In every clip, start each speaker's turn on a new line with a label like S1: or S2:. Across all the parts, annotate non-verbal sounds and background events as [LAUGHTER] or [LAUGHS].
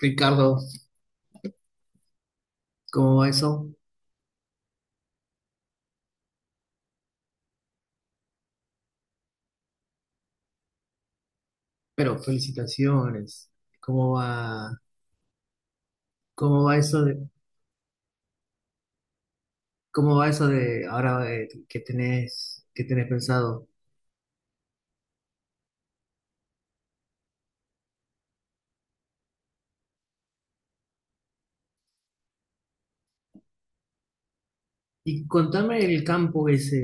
S1: Ricardo, ¿cómo va eso? Pero felicitaciones. ¿Cómo va, cómo va eso de, cómo va eso de ahora que tenés pensado? Y contame el campo ese,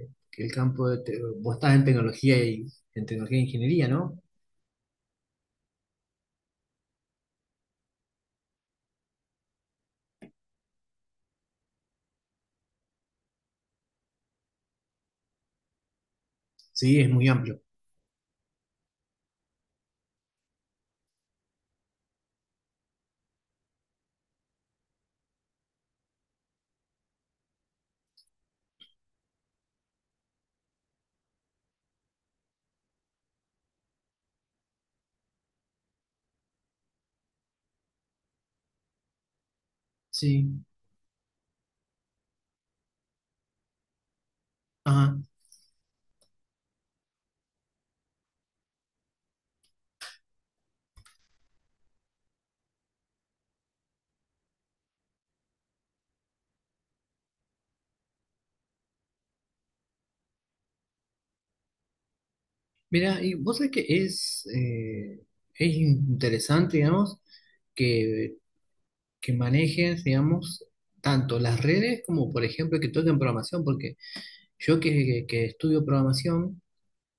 S1: eh, el campo de, vos estás en tecnología y en tecnología e ingeniería, ¿no? Sí, es muy amplio. Sí. Ajá. Mira, y vos sabés que es interesante, digamos, que, que manejes, digamos, tanto las redes como, por ejemplo, que toquen programación, porque yo que estudio programación,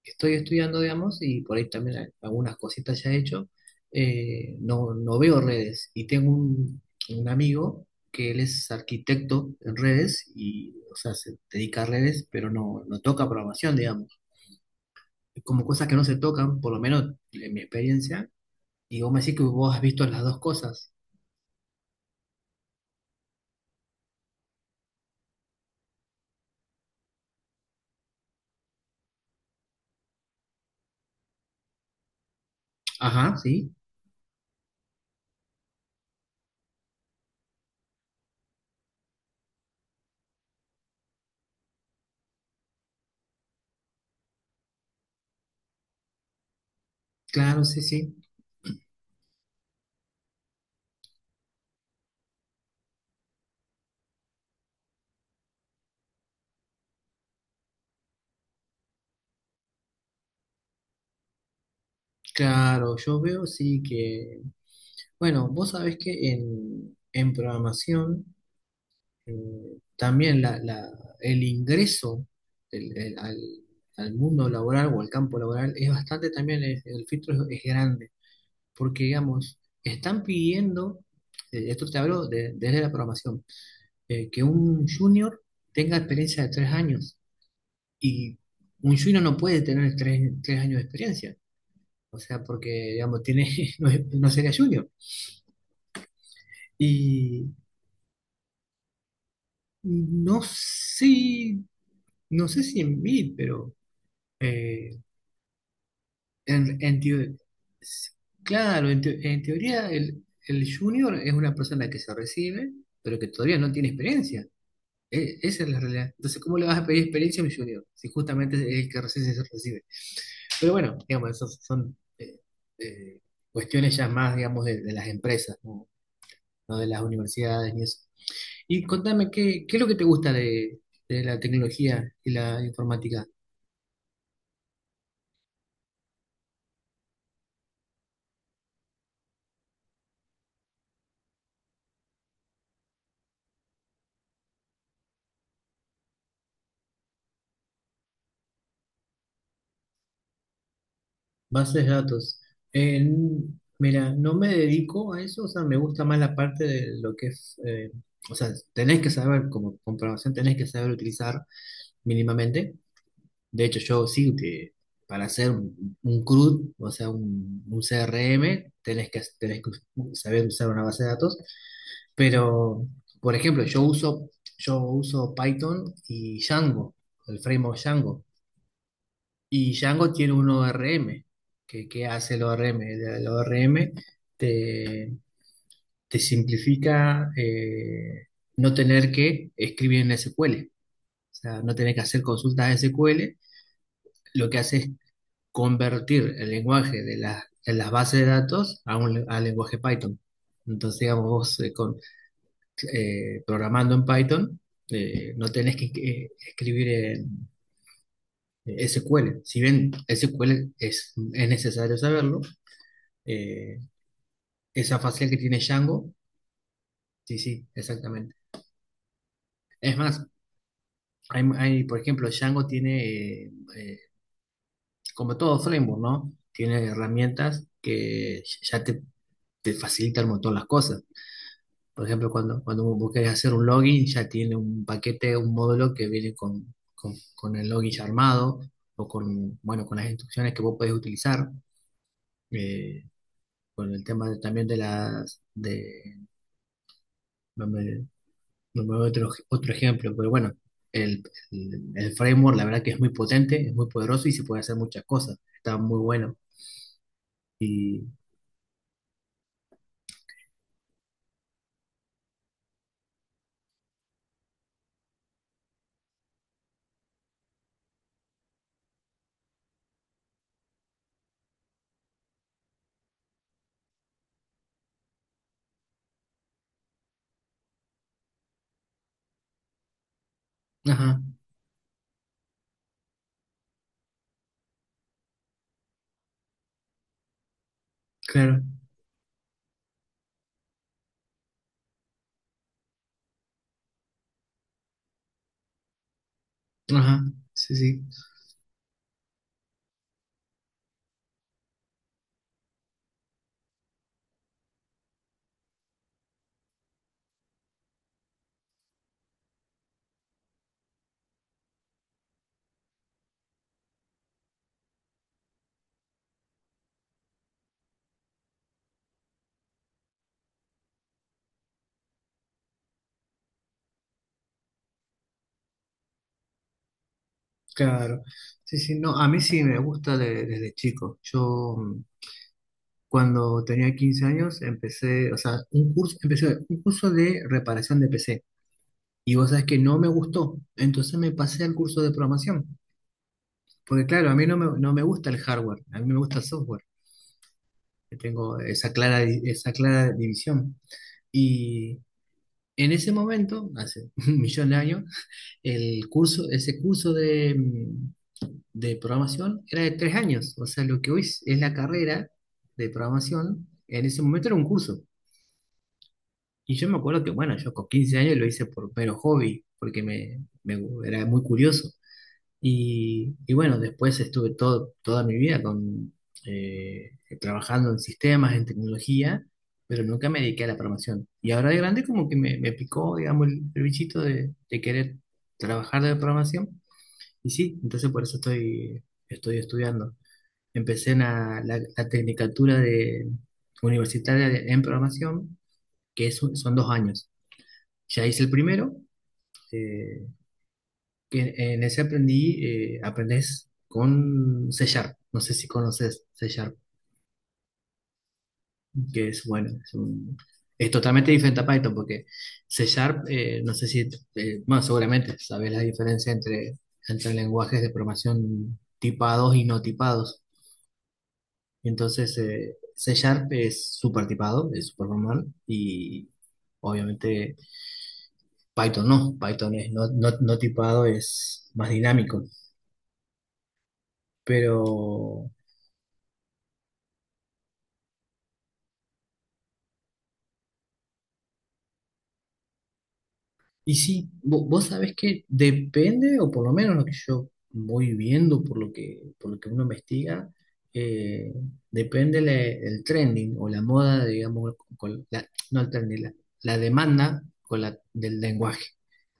S1: que estoy estudiando, digamos, y por ahí también algunas cositas ya he hecho, no, no veo redes. Y tengo un amigo que él es arquitecto en redes y, o sea, se dedica a redes, pero no, no toca programación, digamos. Como cosas que no se tocan, por lo menos en mi experiencia. Y vos me decís que vos has visto las dos cosas. Ajá, sí, claro, sí, sí. Claro, yo veo sí que... Bueno, vos sabés que en programación también el ingreso del- el- al, al mundo laboral o al campo laboral es bastante también, el filtro es grande, porque digamos, están pidiendo, esto te hablo desde la programación, que un junior tenga experiencia de 3 años y un junior no puede tener 3, 3 años de experiencia, o sea, porque digamos, tiene, [LAUGHS] no, no sería junior. Y no sé, no sé si en mí, pero... eh, En, en teo- claro, en teoría el junior es una persona que se recibe, pero que todavía no tiene experiencia. Esa es la realidad. Entonces, ¿cómo le vas a pedir experiencia a un junior? Si justamente es el que recién se recibe. Pero bueno, digamos, esas son eh, cuestiones ya más, digamos, de las empresas, ¿no? No de las universidades ni eso. Y contame, ¿qué, qué es lo que te gusta de la tecnología y la informática? Bases de datos. Mira, no me dedico a eso, o sea, me gusta más la parte de lo que es, o sea, tenés que saber, como comprobación, tenés que saber utilizar mínimamente. De hecho, yo sí que para hacer un CRUD, o sea, un CRM, tenés que saber usar una base de datos. Pero, por ejemplo, yo uso Python y Django, el framework Django. Y Django tiene un ORM. Que hace el ORM? El ORM te, te simplifica no tener que escribir en SQL. O sea, no tener que hacer consultas de SQL. Lo que hace es convertir el lenguaje de las bases de datos a un al lenguaje Python. Entonces, digamos, vos con, programando en Python, no tenés que escribir en SQL. Si bien SQL es necesario saberlo, eh, esa facial que tiene Django. Sí, sí, exactamente. Es más, hay, por ejemplo, Django tiene, eh, como todo framework, ¿no? Tiene herramientas que ya te facilitan un montón las cosas. Por ejemplo, cuando, cuando vos querés hacer un login, ya tiene un paquete, un módulo que viene con el login ya armado o con, bueno, con las instrucciones que vos podés utilizar. eh, con el tema también de las, de, no me veo otro, otro ejemplo, pero bueno, el, el framework la verdad que es muy potente, es muy poderoso y se puede hacer muchas cosas. Está muy bueno. Y, ajá, claro, ajá, sí, sí, claro. Sí, sí, no, a mí sí me gusta desde chico. Yo cuando tenía 15 años empecé, o sea, un curso, empecé un curso de reparación de PC. Y vos sabés que no me gustó, entonces me pasé al curso de programación. Porque claro, a mí no me, no me gusta el hardware, a mí me gusta el software. Yo tengo esa clara división. Y en ese momento, hace [LAUGHS] un millón de años, el curso, ese curso de, de programación era de 3 años. O sea, lo que hoy es la carrera de programación, en ese momento era un curso. Y yo me acuerdo que, bueno, yo con 15 años lo hice por mero hobby, porque era muy curioso. Y bueno, después estuve todo, toda mi vida con, eh, trabajando en sistemas, en tecnología, pero nunca me dediqué a la programación. Y ahora de grande como que me picó, digamos, el bichito de querer trabajar de programación. Y sí, entonces por eso estoy, estoy estudiando. Empecé en la, la tecnicatura de, universitaria en programación, que es son 2 años. Ya hice el primero, eh, que en ese aprendí, aprendes con C Sharp. No sé si conoces C Sharp, que es bueno, es, es totalmente diferente a Python, porque C Sharp, no sé si, bueno, seguramente sabes la diferencia entre, entre lenguajes de programación tipados y no tipados. Entonces, C Sharp es súper tipado, es súper formal, y obviamente Python no, Python es no, no tipado, es más dinámico. Pero y sí, vos sabés que depende, o por lo menos lo que yo voy viendo, por lo que uno investiga, eh, depende el trending o la moda, digamos, con la, no el trending, la demanda con la, del lenguaje.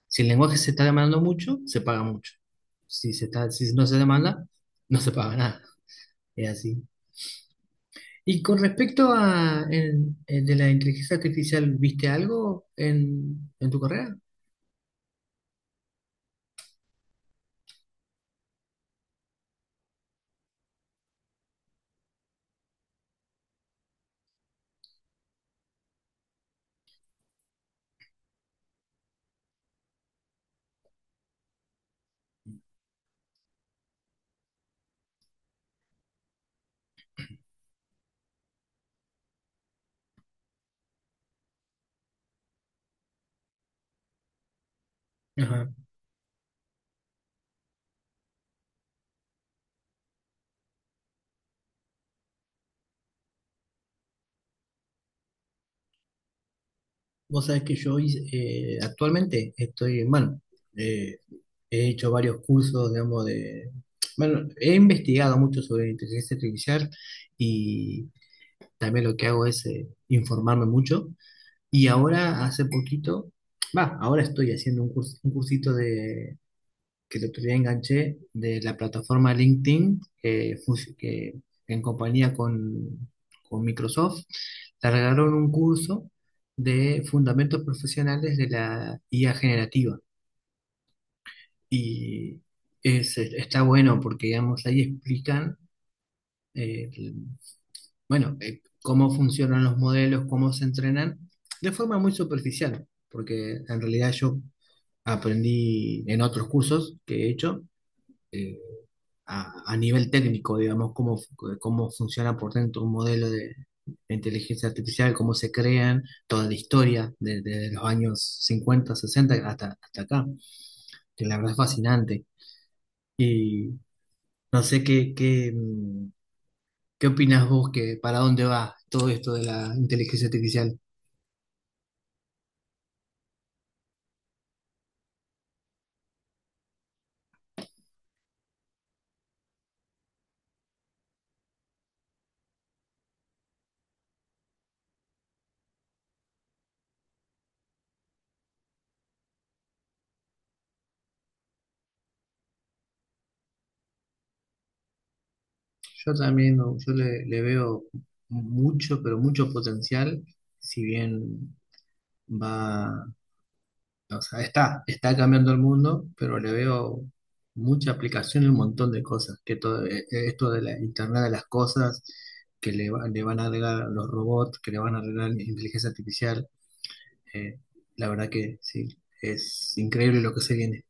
S1: Si el lenguaje se está demandando mucho, se paga mucho. Si se está, si no se demanda, no se paga nada. Es así. Y con respecto a el de la inteligencia artificial, ¿viste algo en tu carrera? Vos sabés que yo hice, actualmente estoy, bueno, eh, he hecho varios cursos, digamos, de, bueno, he investigado mucho sobre inteligencia artificial y también lo que hago es informarme mucho. Y ahora, hace poquito, va, ahora estoy haciendo un, un cursito que el otro día enganché de la plataforma LinkedIn, que, que en compañía con Microsoft, largaron un curso de fundamentos profesionales de la IA generativa. Y está bueno porque, digamos, ahí explican, eh, bueno, cómo funcionan los modelos, cómo se entrenan, de forma muy superficial, porque en realidad yo aprendí en otros cursos que he hecho eh, a nivel técnico, digamos, cómo, cómo funciona por dentro un modelo de, inteligencia artificial, cómo se crean, toda la historia desde los años 50 60 hasta, hasta acá, que la verdad es fascinante. Y no sé qué, qué, qué opinas vos, que para dónde va todo esto de la inteligencia artificial. Yo también, no, yo le, le veo mucho, pero mucho potencial, si bien va... O sea, está, está cambiando el mundo, pero le veo mucha aplicación y un montón de cosas, que todo esto de la Internet de las cosas, que le, le van a agregar los robots, que le van a agregar inteligencia artificial, eh, la verdad que sí, es increíble lo que se viene.